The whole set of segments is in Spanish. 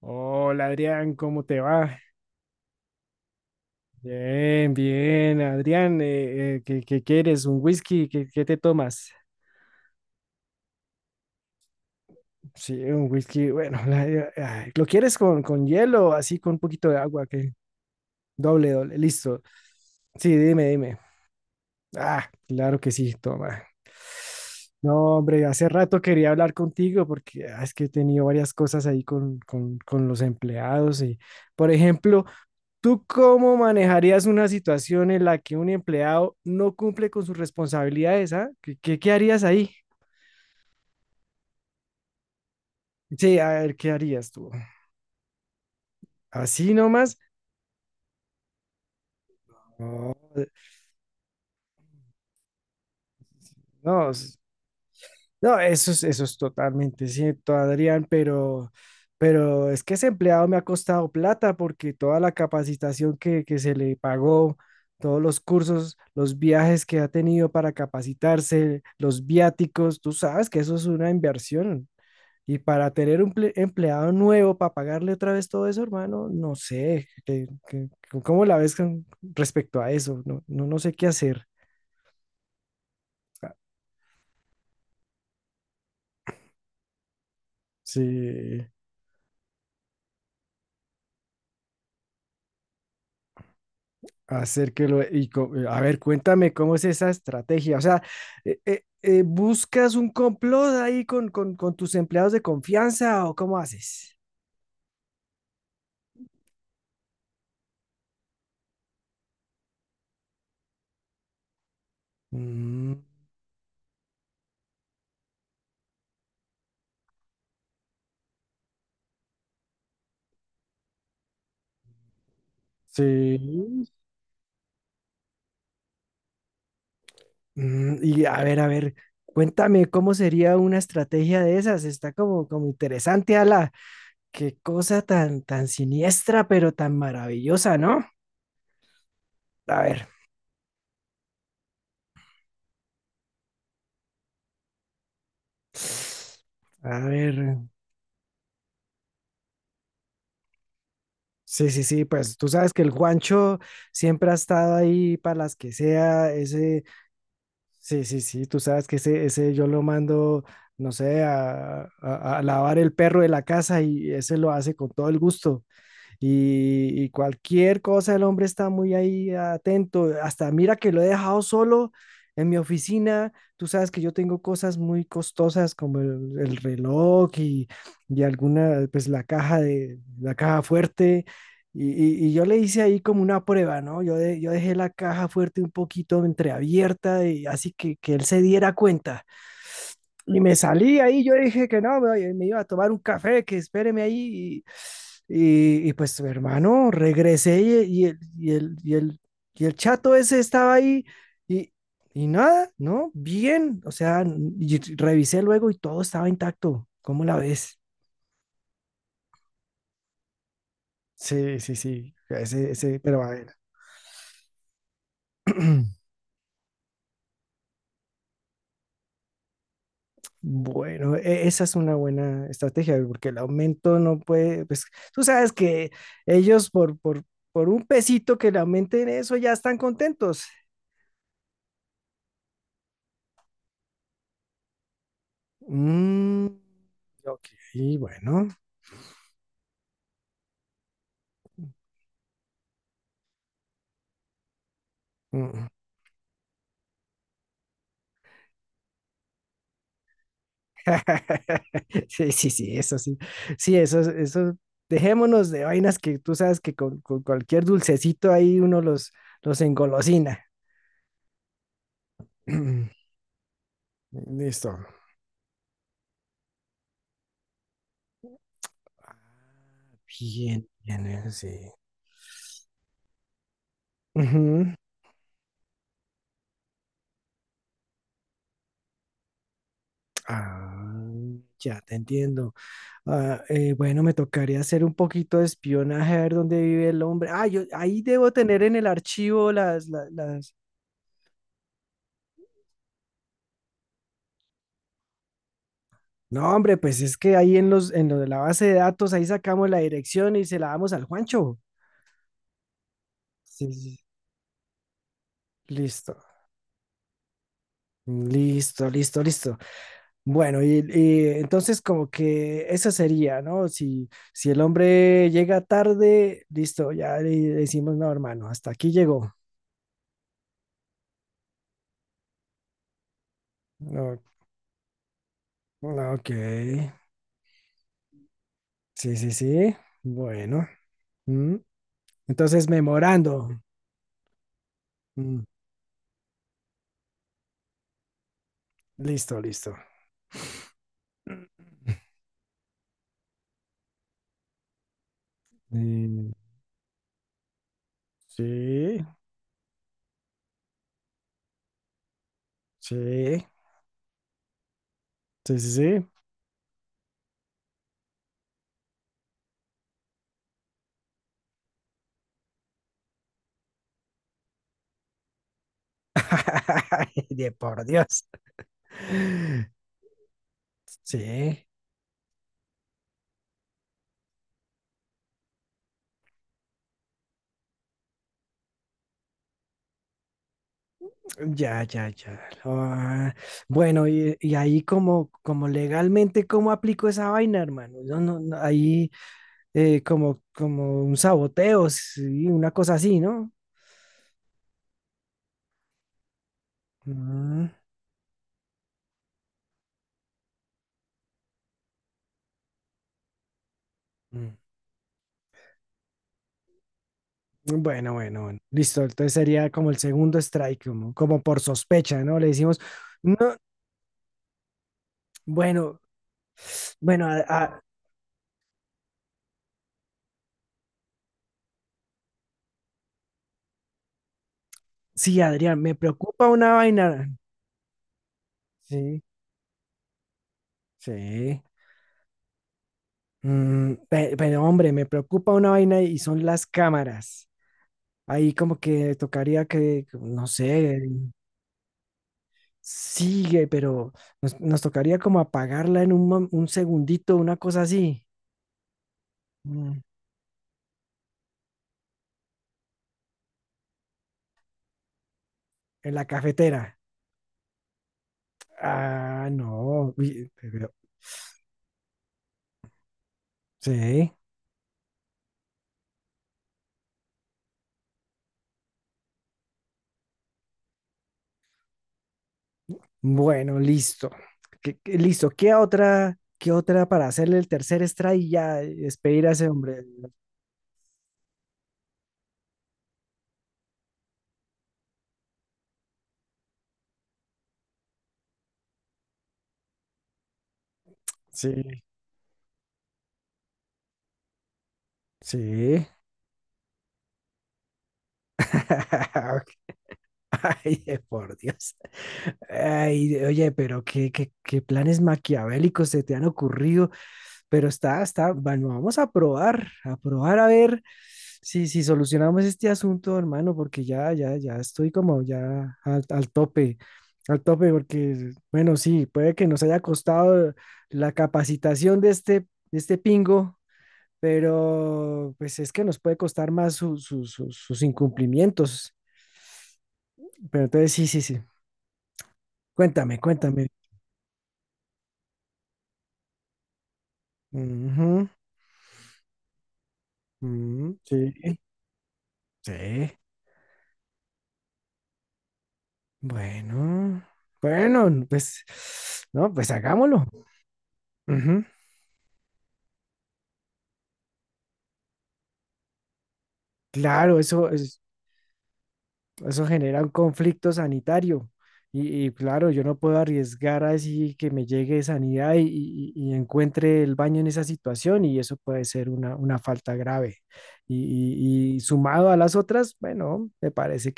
Hola Adrián, ¿cómo te va? Bien, Adrián, ¿qué quieres? ¿Un whisky? ¿Qué te tomas? Sí, un whisky, bueno, ay, ¿lo quieres con hielo, así con un poquito de agua? Que doble, doble, listo. Sí, dime, dime. Ah, claro que sí, toma. No, hombre, hace rato quería hablar contigo porque es que he tenido varias cosas ahí con los empleados y, por ejemplo, ¿tú cómo manejarías una situación en la que un empleado no cumple con sus responsabilidades, ah? ¿Qué harías ahí? Sí, a ver, ¿qué harías tú? ¿Así nomás? No, no, es- no, eso es totalmente cierto, Adrián, pero es que ese empleado me ha costado plata porque toda la capacitación que se le pagó, todos los cursos, los viajes que ha tenido para capacitarse, los viáticos, tú sabes que eso es una inversión. Y para tener un empleado nuevo, para pagarle otra vez todo eso, hermano, no sé, ¿cómo la ves con respecto a eso? No, no sé qué hacer. Ah, sí, hacer que lo... Y, a ver, cuéntame cómo es esa estrategia. O sea, ¿buscas un complot ahí con tus empleados de confianza o cómo haces? Mm, sí. Mm, y a ver, cuéntame cómo sería una estrategia de esas. Está como interesante, Ala. Qué cosa tan siniestra, pero tan maravillosa, ¿no? A ver. A ver. Sí, pues tú sabes que el Juancho siempre ha estado ahí para las que sea, ese, sí, tú sabes que ese yo lo mando, no sé, a lavar el perro de la casa y ese lo hace con todo el gusto. Y, y cualquier cosa el hombre está muy ahí atento. Hasta mira que lo he dejado solo en mi oficina. Tú sabes que yo tengo cosas muy costosas como el reloj y alguna, pues la caja de la caja fuerte. Y yo le hice ahí como una prueba, ¿no? Yo, yo dejé la caja fuerte un poquito entreabierta y así que él se diera cuenta. Y me salí ahí, yo dije que no, me iba a tomar un café, que espéreme ahí. Y pues, hermano, regresé y el chato ese estaba ahí y, y nada, ¿no? Bien, o sea, y revisé luego y todo estaba intacto. ¿Cómo la ves? Sí. Ese, pero a ver. Bueno, esa es una buena estrategia, porque el aumento no puede, pues tú sabes que ellos por un pesito que le aumenten eso ya están contentos. Mm, ok, bueno. Mm. Sí, eso sí. Sí, eso, dejémonos de vainas que tú sabes que con cualquier dulcecito ahí uno los engolosina. Listo. Bien, bien, sí. Ujú. Ah, ya te entiendo. Ah, bueno, me tocaría hacer un poquito de espionaje a ver dónde vive el hombre. Ah, yo ahí debo tener en el archivo las, No, hombre, pues es que ahí en en lo de la base de datos, ahí sacamos la dirección y se la damos al Juancho. Sí, sí. Listo. Listo, listo, listo. Bueno, y entonces como que eso sería, ¿no? Si el hombre llega tarde, listo, ya le decimos, no, hermano, hasta aquí llegó. Ok. Ah, ok, sí. Bueno. Mm. Entonces, memorando. Mm. Listo, listo. Mm, Sí, sí, sí sí. Ay, de por Dios. Sí, ya, ya, ya. Ah, bueno, y ahí como legalmente, ¿cómo aplico esa vaina, hermano? No, no, no, ahí como, como un saboteo, sí, una cosa así, ¿no? Mm, mm. Bueno. Listo. Entonces sería como el segundo strike, como por sospecha, ¿no? Le decimos, no, bueno, bueno, sí, Adrián, me preocupa una vaina. Sí, sí. Mm, pero hombre, me preocupa una vaina y son las cámaras. Ahí como que tocaría que, no sé, sigue, pero nos tocaría como apagarla en un, un segundito, una cosa así, Mm. En la cafetera. Ah, no, uy, sí, bueno, listo. Listo, qué otra para hacerle el tercer extra y ya despedir a ese hombre? Sí, sí. Ay, por Dios. Ay, oye, pero qué planes maquiavélicos se te han ocurrido. Pero está, está, bueno, vamos a probar, a probar a ver si, si solucionamos este asunto, hermano, porque ya estoy como ya al, al tope, porque, bueno, sí, puede que nos haya costado la capacitación de este pingo, pero pues es que nos puede costar más sus incumplimientos. Pero entonces, sí. Cuéntame, cuéntame. Ujú. Mm, sí, sí. Bueno, bueno, pues, no, pues hagámoslo. Ujú. Claro, eso, eso genera un conflicto sanitario. Y claro, yo no puedo arriesgar así que me llegue sanidad y, y encuentre el baño en esa situación y eso puede ser una falta grave. Y, y sumado a las otras, bueno, me parece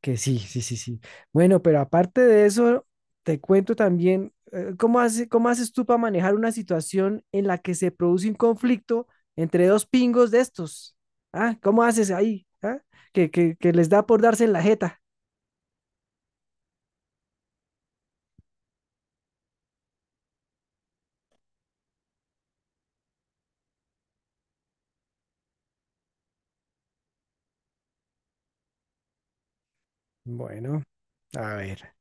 que sí. Bueno, pero aparte de eso, te cuento también cómo cómo haces tú para manejar una situación en la que se produce un conflicto entre dos pingos de estos. ¿Ah? ¿Cómo haces ahí? ¿Ah? Que, que les da por darse en la jeta. Bueno, a ver.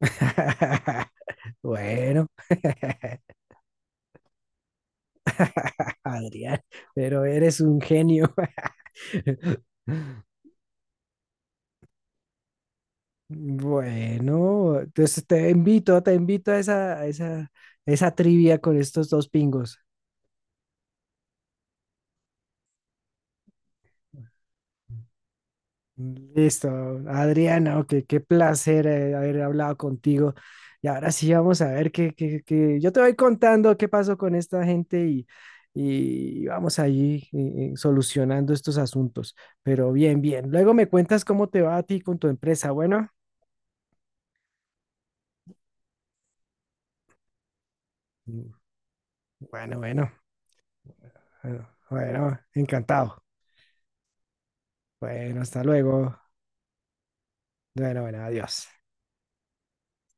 Bueno, Adrián, pero eres un genio. Bueno, entonces te invito a esa, esa trivia con estos dos pingos. Listo, Adriana, ok, qué placer haber hablado contigo. Y ahora sí vamos a ver yo te voy contando qué pasó con esta gente y vamos ahí solucionando estos asuntos. Pero bien, bien. Luego me cuentas cómo te va a ti con tu empresa. Bueno, bueno, bueno, bueno, encantado. Bueno, hasta luego. Bueno, adiós.